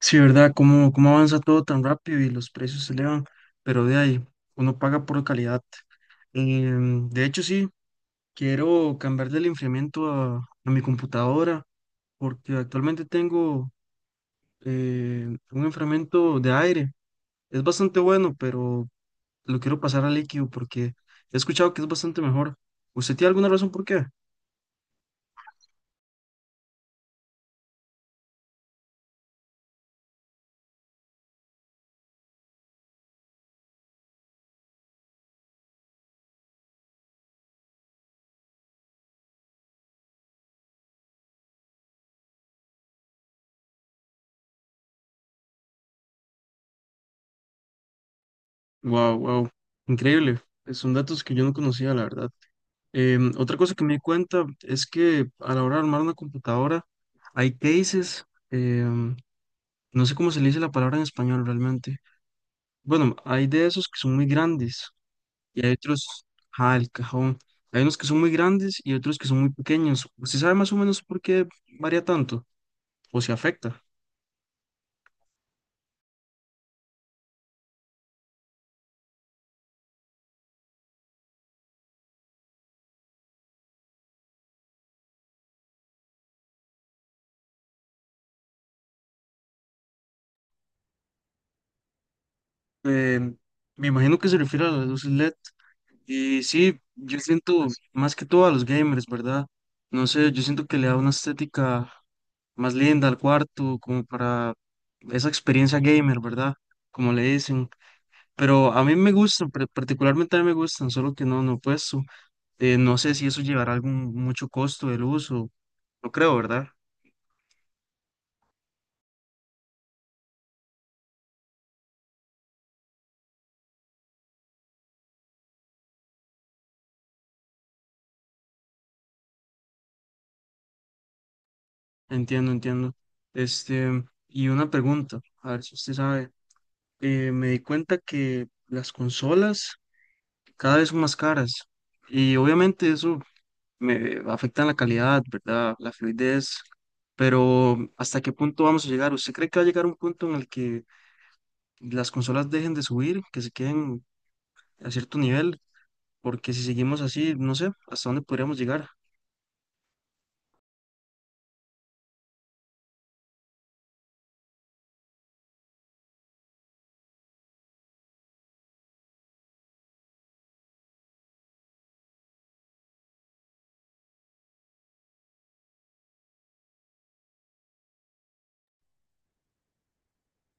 Sí, ¿verdad? ¿Cómo avanza todo tan rápido y los precios se elevan? Pero de ahí, uno paga por calidad. De hecho, sí, quiero cambiarle el enfriamiento a mi computadora porque actualmente tengo un enfriamiento de aire. Es bastante bueno, pero lo quiero pasar a líquido porque he escuchado que es bastante mejor. ¿Usted tiene alguna razón por qué? Wow, wow, increíble. Son datos que yo no conocía, la verdad. Otra cosa que me di cuenta es que a la hora de armar una computadora hay cases, em, no sé cómo se le dice la palabra en español realmente. Bueno, hay de esos que son muy grandes y hay otros, ah, el cajón. Hay unos que son muy grandes y otros que son muy pequeños. ¿Usted sabe más o menos por qué varía tanto o se afecta? Em, Me imagino que se refiere a las luces LED. Y sí, yo siento más que todo a los gamers, ¿verdad? No sé, yo siento que le da una estética más linda al cuarto, como para esa experiencia gamer, ¿verdad? Como le dicen. Pero a mí me gustan, particularmente a mí me gustan, solo que no he puesto. No sé si eso llevará algún mucho costo del uso, no creo, ¿verdad? Entiendo, entiendo. Este, y una pregunta, a ver si usted sabe. Me di cuenta que las consolas cada vez son más caras y obviamente eso me afectan la calidad, ¿verdad? La fluidez, pero ¿hasta qué punto vamos a llegar? ¿Usted cree que va a llegar un punto en el que las consolas dejen de subir, que se queden a cierto nivel? Porque si seguimos así, no sé, ¿hasta dónde podríamos llegar?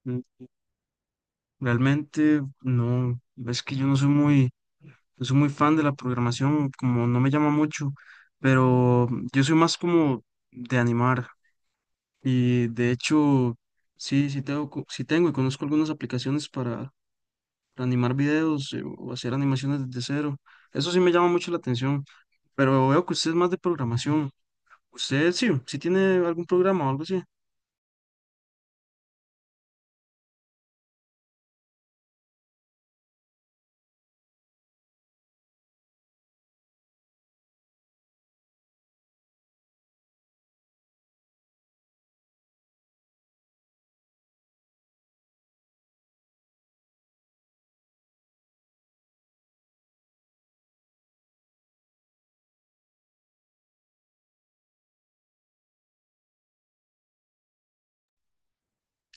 Mm, Realmente no, es que yo no soy muy, no soy muy fan de la programación, como no me llama mucho, pero yo soy más como de animar y de hecho sí, sí tengo y conozco algunas aplicaciones para animar videos o hacer animaciones desde cero. Eso sí me llama mucho la atención, pero veo que usted es más de programación. Usted sí, sí tiene algún programa o algo así.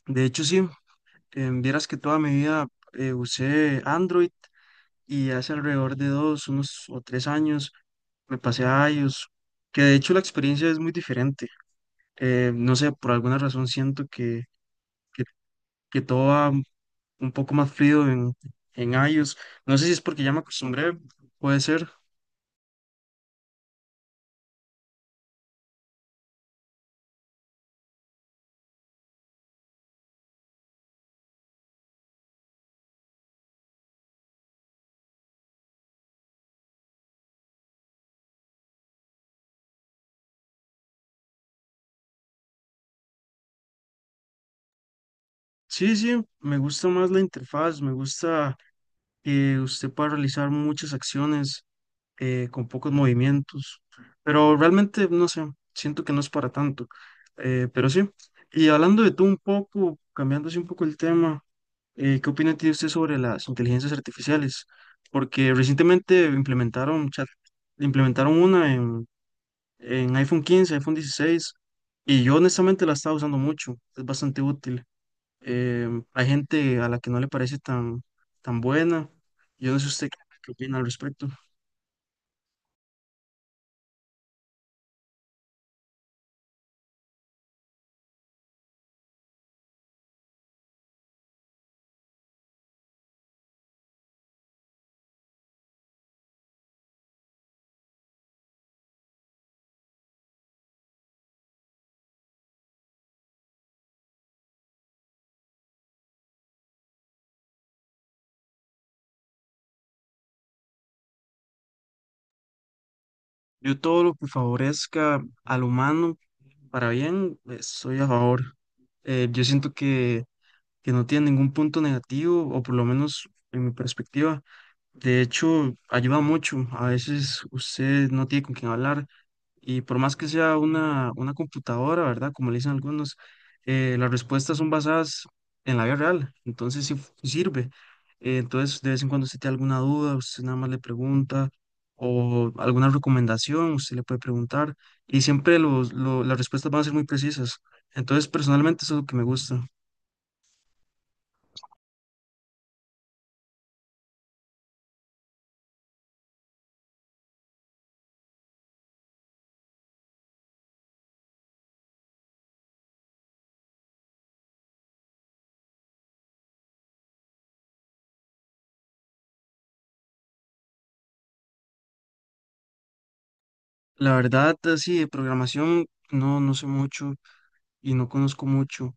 De hecho, sí, vieras que toda mi vida usé Android y hace alrededor de dos, unos o tres años me pasé a iOS, que de hecho la experiencia es muy diferente. No sé, por alguna razón siento que, que, que todo va un poco más frío en iOS. No sé si es porque ya me acostumbré, puede ser. Sí, sí, me gusta más la interfaz, me gusta que usted pueda realizar muchas acciones con pocos movimientos, pero realmente no sé, siento que no es para tanto, pero sí. Y hablando de tú un poco, cambiando así un poco el tema, ¿qué opina tiene usted sobre las inteligencias artificiales? Porque recientemente implementaron chat, implementaron una en iPhone 15, iPhone 16, y yo honestamente la estaba usando mucho, es bastante útil hay gente a la que no le parece tan, tan buena. Yo no sé usted qué, opina al respecto. Yo todo lo que favorezca al humano para bien, estoy a favor. Yo siento que no tiene ningún punto negativo, o por lo menos en mi perspectiva. De hecho, ayuda mucho. A veces usted no tiene con quién hablar y por más que sea una computadora, ¿verdad? Como le dicen algunos, las respuestas son basadas en la vida real. Entonces sí sirve. Entonces, de vez en cuando usted tiene alguna duda, usted nada más le pregunta o alguna recomendación, usted le puede preguntar y siempre las respuestas van a ser muy precisas. Entonces, personalmente eso es lo que me gusta. La verdad, así de programación, no sé mucho y no conozco mucho.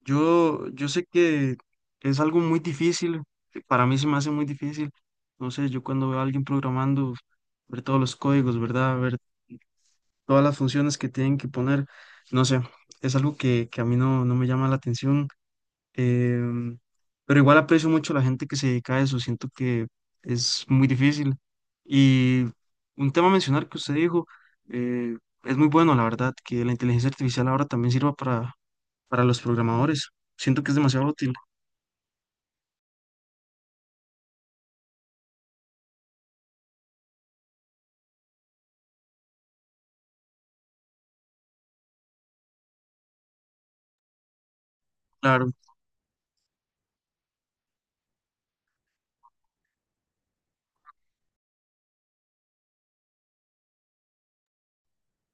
Yo sé que es algo muy difícil, para mí se me hace muy difícil. Entonces yo cuando veo a alguien programando, ver todos los códigos, ¿verdad? Ver todas las funciones que tienen que poner, no sé, es algo que, a mí no me llama la atención. em, pero igual aprecio mucho la gente que se dedica a eso, siento que es muy difícil. Y un tema a mencionar que usted dijo, eh, es muy bueno, la verdad, que la inteligencia artificial ahora también sirva para, los programadores. Siento que es demasiado útil. Claro,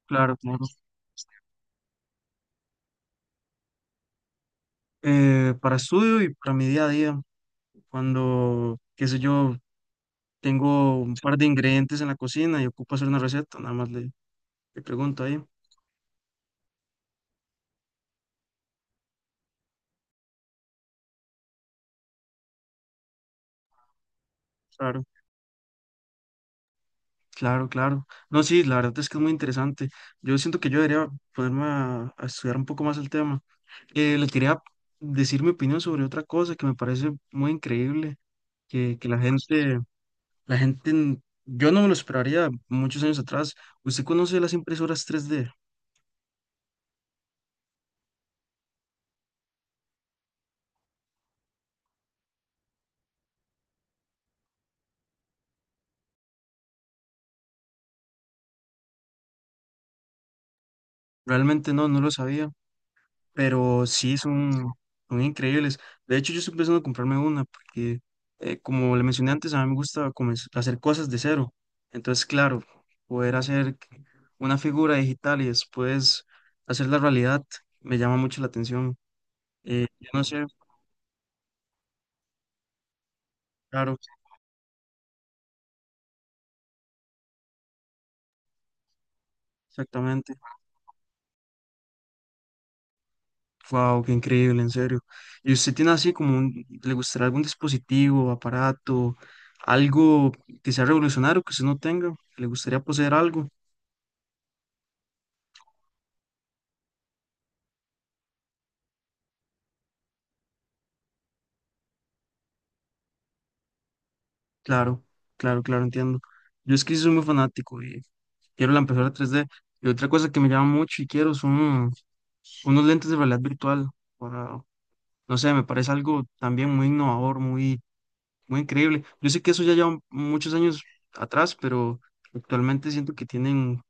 claro, claro. Para estudio y para mi día a día, cuando, qué sé yo, tengo un par de ingredientes en la cocina y ocupo hacer una receta, nada más le pregunto ahí. Claro, claro, claro. No, sí, la verdad es que es muy interesante. Yo siento que yo debería ponerme a estudiar un poco más el tema. Le quería decir mi opinión sobre otra cosa que me parece muy increíble, que, la gente, yo no me lo esperaría muchos años atrás. ¿Usted conoce las impresoras 3D? Realmente no, no lo sabía, pero sí son increíbles. De hecho, yo estoy pensando en comprarme una porque, como le mencioné antes, a mí me gusta hacer cosas de cero. Entonces, claro, poder hacer una figura digital y después hacer la realidad me llama mucho la atención. Yo no sé, claro, exactamente. Wow, qué increíble, en serio. ¿Y usted tiene así como le gustaría algún dispositivo, aparato, algo que sea revolucionario que usted no tenga? Que ¿Le gustaría poseer algo? Claro, claro, claro, entiendo. Yo es que sí soy muy fanático y quiero la impresora 3D. Y otra cosa que me llama mucho y quiero son unos lentes de realidad virtual. para- no sé, me parece algo también muy innovador, muy, muy increíble. Yo sé que eso ya lleva muchos años atrás, pero actualmente siento que tienen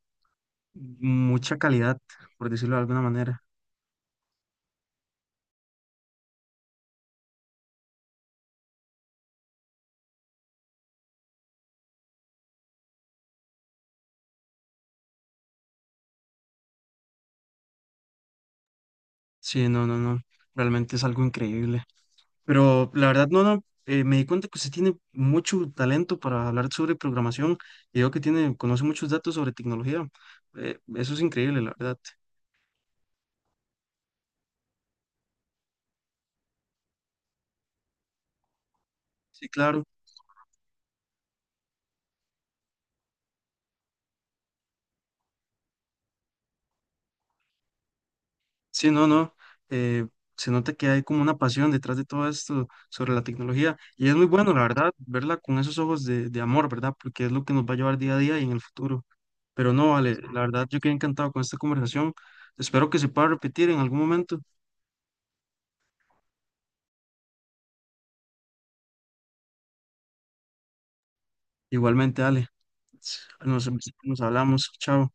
mucha calidad, por decirlo de alguna manera. Sí, no, no, no. Realmente es algo increíble. Pero la verdad, no, no, me di cuenta que usted tiene mucho talento para hablar sobre programación y veo que tiene, conoce muchos datos sobre tecnología. Eso es increíble, la verdad. Sí, claro. Sí, no, no. eh, se nota que hay como una pasión detrás de todo esto sobre la tecnología y es muy bueno, la verdad, verla con esos ojos de amor, ¿verdad? Porque es lo que nos va a llevar día a día y en el futuro. Pero no, vale, la verdad, yo quedé encantado con esta conversación. Espero que se pueda repetir en algún momento. Igualmente, dale. Nos, nos hablamos. Chao.